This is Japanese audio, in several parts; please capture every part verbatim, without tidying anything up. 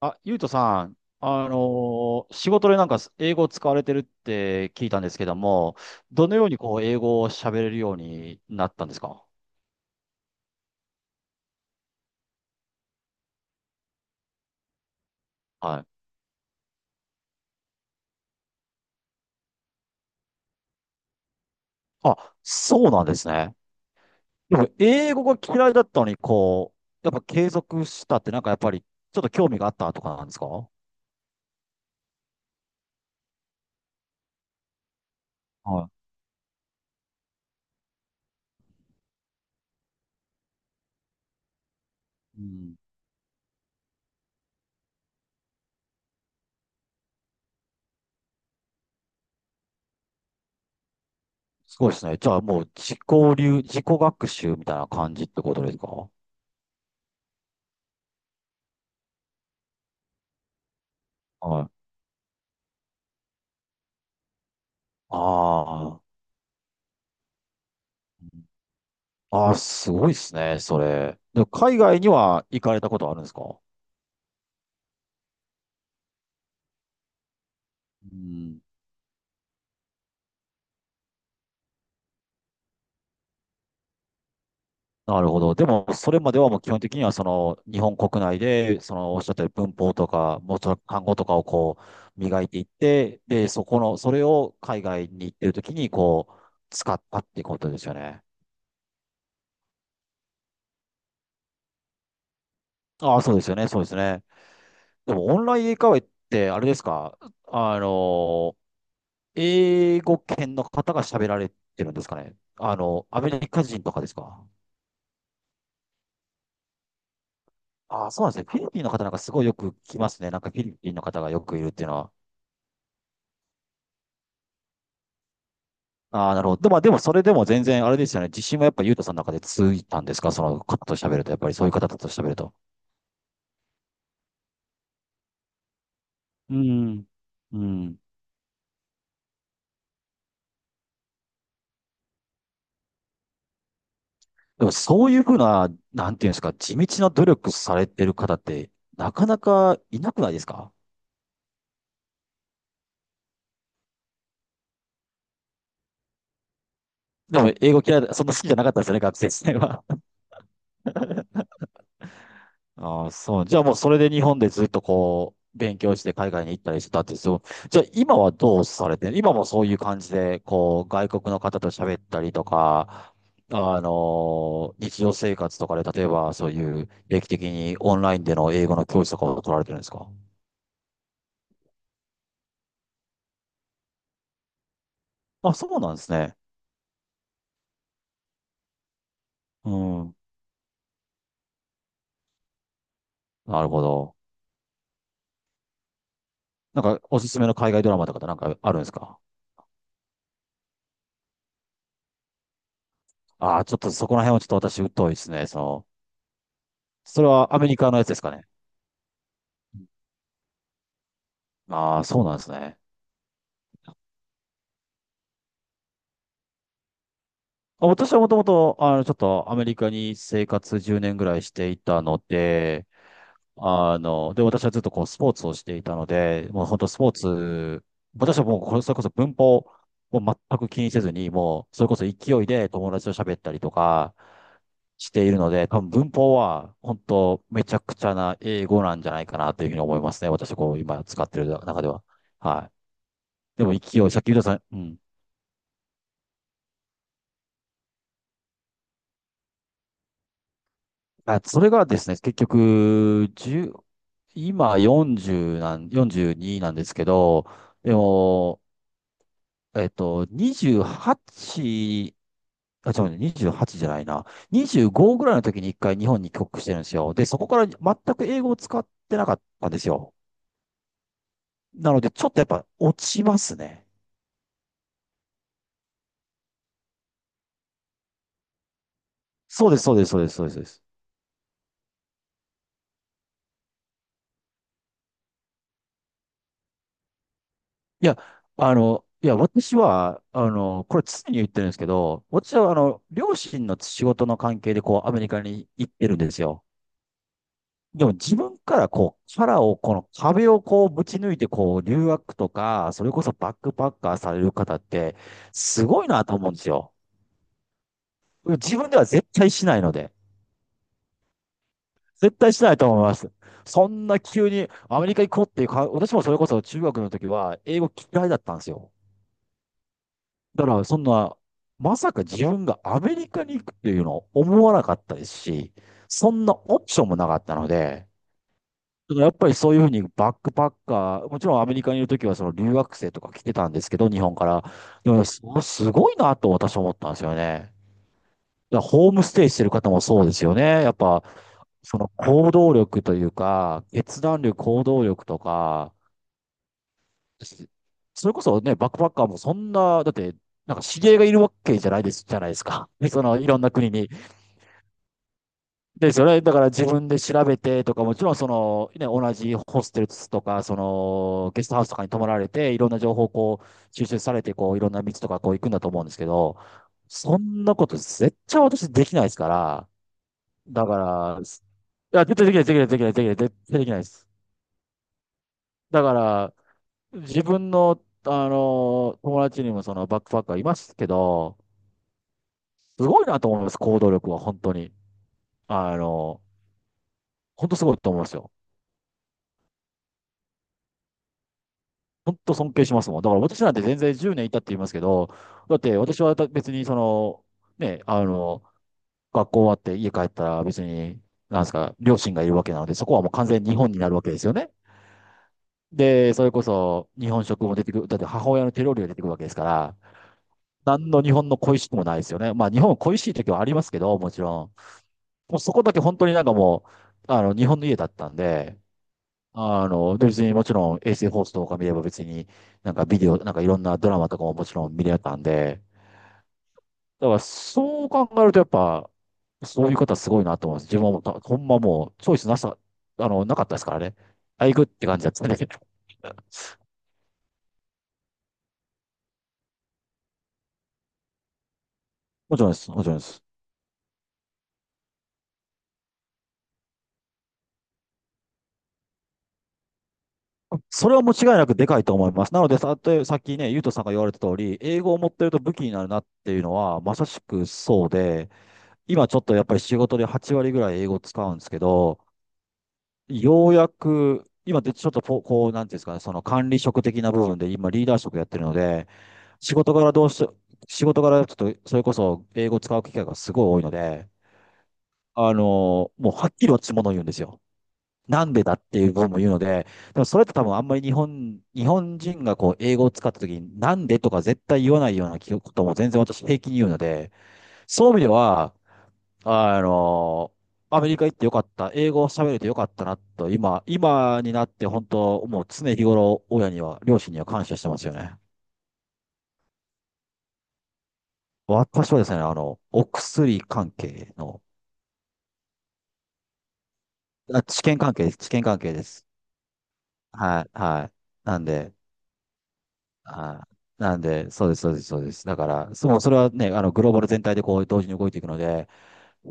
あ、ゆうとさん、あのー仕事でなんか英語を使われてるって聞いたんですけども、どのようにこう英語を喋れるようになったんですか？はい。あ、そうなんですね。でも英語が嫌いだったのに、こう、やっぱ継続したってなんかやっぱりちょっと興味があったとかなんですか？はい。うん。すごいですね。じゃあもう自己流、自己学習みたいな感じってことですか？はい。ああ。ああ、すごいですね、それ。でも海外には行かれたことあるんですか？うん、なるほど。でも、それまではもう基本的には、その、日本国内で、その、おっしゃったように文法とか、もうちょっと単語とかをこう、磨いていって、で、そこの、それを海外に行ってるときに、こう、使ったってことですよね。ああ、そうですよね、そうですね。でも、オンライン英会話って、あれですか？あの、英語圏の方が喋られてるんですかね？あの、アメリカ人とかですか？ああ、そうなんですね。フィリピンの方なんかすごいよく聞きますね。なんかフィリピンの方がよくいるっていうのは。ああ、なるほど。でまあでもそれでも全然あれですよね。自信はやっぱユートさんの中でついたんですか？その方と喋ると。やっぱりそういう方と喋ると。うん。うん。でもそういうふうな、なんていうんですか、地道な努力されてる方ってなかなかいなくないですか？でも英語嫌いだ、そんな好きじゃなかったですよね、学生時代は。ああ、そう。じゃあもうそれで日本でずっとこう、勉強して海外に行ったりしてたってそう。じゃあ今はどうされてる？今もそういう感じで、こう、外国の方と喋ったりとか、あの日常生活とかで、例えばそういう定期的にオンラインでの英語の教室とかを取られてるんですか？あ、そうなんですね。うん。なるほど。なんかおすすめの海外ドラマとかってなんかあるんですか？ああー、ちょっとそこら辺はちょっと私疎いですね。その、それはアメリカのやつですかね。ああ、そうなんですね。私はもともと、あの、ちょっとアメリカに生活じゅうねんぐらいしていたので、あの、で、私はずっとこうスポーツをしていたので、もう本当スポーツ、私はもうこれそれこそ文法を全く気にせずに、もうそれこそ勢いで友達と喋ったりとかしているので、多分文法は本当めちゃくちゃな英語なんじゃないかなというふうに思いますね。私こう今使ってる中では。はい。でも勢い、さっき言ったさん、うん。あ、それがですね、結局、いち今よんじゅうなん、よんじゅうになんですけど、でも、えっと、にじゅうはち、あ、違うね、にじゅうはちじゅうはちじゃないな。にじゅうごぐらいの時に一回日本に帰国してるんですよ。で、そこから全く英語を使ってなかったんですよ。なので、ちょっとやっぱ落ちますね。そうです、そうです、そうです、そうです。そうです。いや、あの、いや、私は、あの、これ常に言ってるんですけど、私は、あの、両親の仕事の関係で、こう、アメリカに行ってるんですよ。でも自分からこう、殻を、この壁をこう、ぶち抜いて、こう、留学とか、それこそバックパッカーされる方って、すごいなと思うんですよ。自分では絶対しないので。絶対しないと思います。そんな急にアメリカ行こうっていうか、私もそれこそ中学の時は英語嫌いだったんですよ。だから、そんな、まさか自分がアメリカに行くっていうのを思わなかったですし、そんなオプションもなかったので、だからやっぱりそういうふうにバックパッカー、もちろんアメリカにいるときはその留学生とか来てたんですけど、日本から。でもね、すすごいなと私は思ったんですよね。だからホームステイしてる方もそうですよね。やっぱ、その行動力というか、決断力、行動力とか、しそれこそね、バックパッカーもそんな、だって、なんか知り合いがいるわけじゃないです、じゃないですか。その、いろんな国に。ですよね。だから自分で調べてとか、もちろんその、ね、同じホステルとか、その、ゲストハウスとかに泊まられて、いろんな情報をこう、収集されて、こう、いろんな道とかこう行くんだと思うんですけど、そんなこと絶対私できないですから、だから、いや、絶対できない、できない、できない、できない、絶対できないです。だから、自分の、あの、友達にもそのバックパッカーいますけど、すごいなと思います、行動力は本当に。あの、本当すごいと思いますよ。本当尊敬しますもん。だから私なんて全然じゅうねんいたって言いますけど、だって私は別にその、ね、あの、学校終わって家帰ったら別に、なんですか、両親がいるわけなので、そこはもう完全に日本になるわけですよね。で、それこそ日本食も出てくる、だって母親の手料理が出てくるわけですから、何の日本の恋しくもないですよね。まあ日本は恋しい時はありますけど、もちろん。もうそこだけ本当になんかもう、あの、日本の家だったんで、あの、で別にもちろん衛星放送とか見れば別になんかビデオ、なんかいろんなドラマとかももちろん見れたんで、だからそう考えるとやっぱ、そういう方すごいなと思います。自分はもうた、ほんまもうチョイスなさ、あの、なかったですからね。あ、行くって感じだったんだけど。もちろんです。もちろんです。それはもう違いなくでかいと思います。なので、さ、とさっきね、ゆうとさんが言われた通り、英語を持ってると武器になるなっていうのは、まさしくそうで、今ちょっとやっぱり仕事ではちわり割ぐらい英語を使うんですけど、ようやく、今でちょっとこう、こうなんていうんですかね、その管理職的な部分で今リーダー職やってるので、仕事からどうし、仕事からちょっとそれこそ英語を使う機会がすごい多いので、あの、もうはっきり落ち物を言うんですよ。なんでだっていう部分も言うので、でもそれって多分あんまり日本、日本人がこう英語を使った時になんでとか絶対言わないようなことも全然私平気に言うので、そういう意味では、あの、アメリカ行ってよかった。英語を喋れてよかったなと、今、今になって本当、もう常日頃、親には、両親には感謝してますよね。私はですね、あの、お薬関係の、あ、治験関係です。治験関係です。はい、はい。なんで、はい。なんで、そうです、そうです、そうです。だから、そう、それはね、あの、グローバル全体でこう、同時に動いていくので、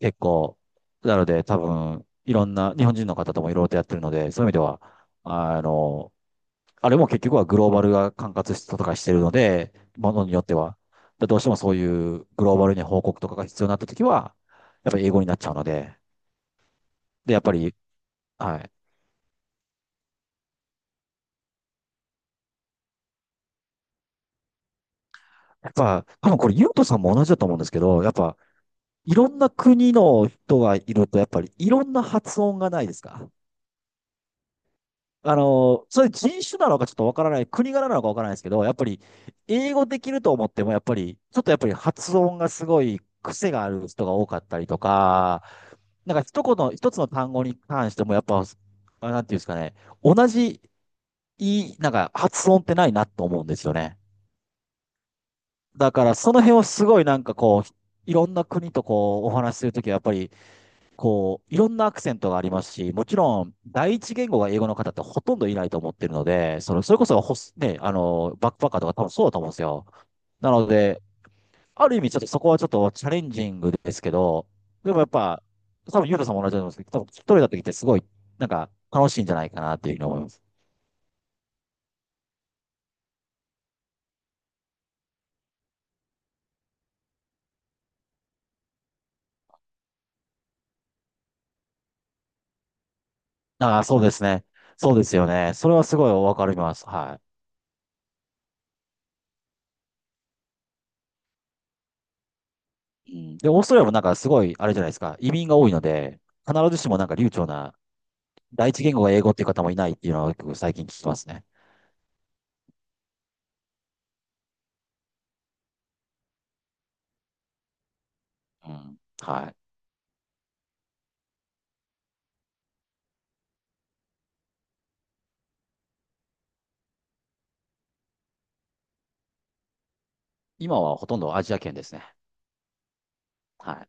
結構、なので、多分、いろんな、日本人の方ともいろいろとやってるので、そういう意味では、あの、あれも結局はグローバルが管轄とかしてるので、ものによっては。だどうしてもそういうグローバルに報告とかが必要になったときは、やっぱり英語になっちゃうので、で、やっぱり、はい。やっぱ、多分これ、ゆうとさんも同じだと思うんですけど、やっぱ、いろんな国の人がいると、やっぱりいろんな発音がないですか？あの、それ人種なのかちょっとわからない、国柄なのかわからないですけど、やっぱり英語できると思っても、やっぱり、ちょっとやっぱり発音がすごい癖がある人が多かったりとか、なんか一言、一つの単語に関しても、やっぱ、あなんていうんですかね、同じ、いい、なんか発音ってないなと思うんですよね。だからその辺をすごいなんかこう、いろんな国とこう、お話しするときはやっぱり、こう、いろんなアクセントがありますし、もちろん、第一言語が英語の方ってほとんどいないと思ってるので、その、それこそホス、ね、あの、バックパッカーとか多分そうだと思うんですよ。なので、ある意味ちょっとそこはちょっとチャレンジングですけど、でもやっぱ、多分ユータさんも同じだと思うんですけど、多分一人だときってすごい、なんか楽しいんじゃないかなっていうふうに思います。ああ、そうですね。そうですよね。それはすごいわかります。はい。うん。で、オーストラリアもなんかすごい、あれじゃないですか、移民が多いので、必ずしもなんか流暢な第一言語が英語っていう方もいないっていうのは結構最近聞きますね。うん。はい。今はほとんどアジア圏ですね。はい。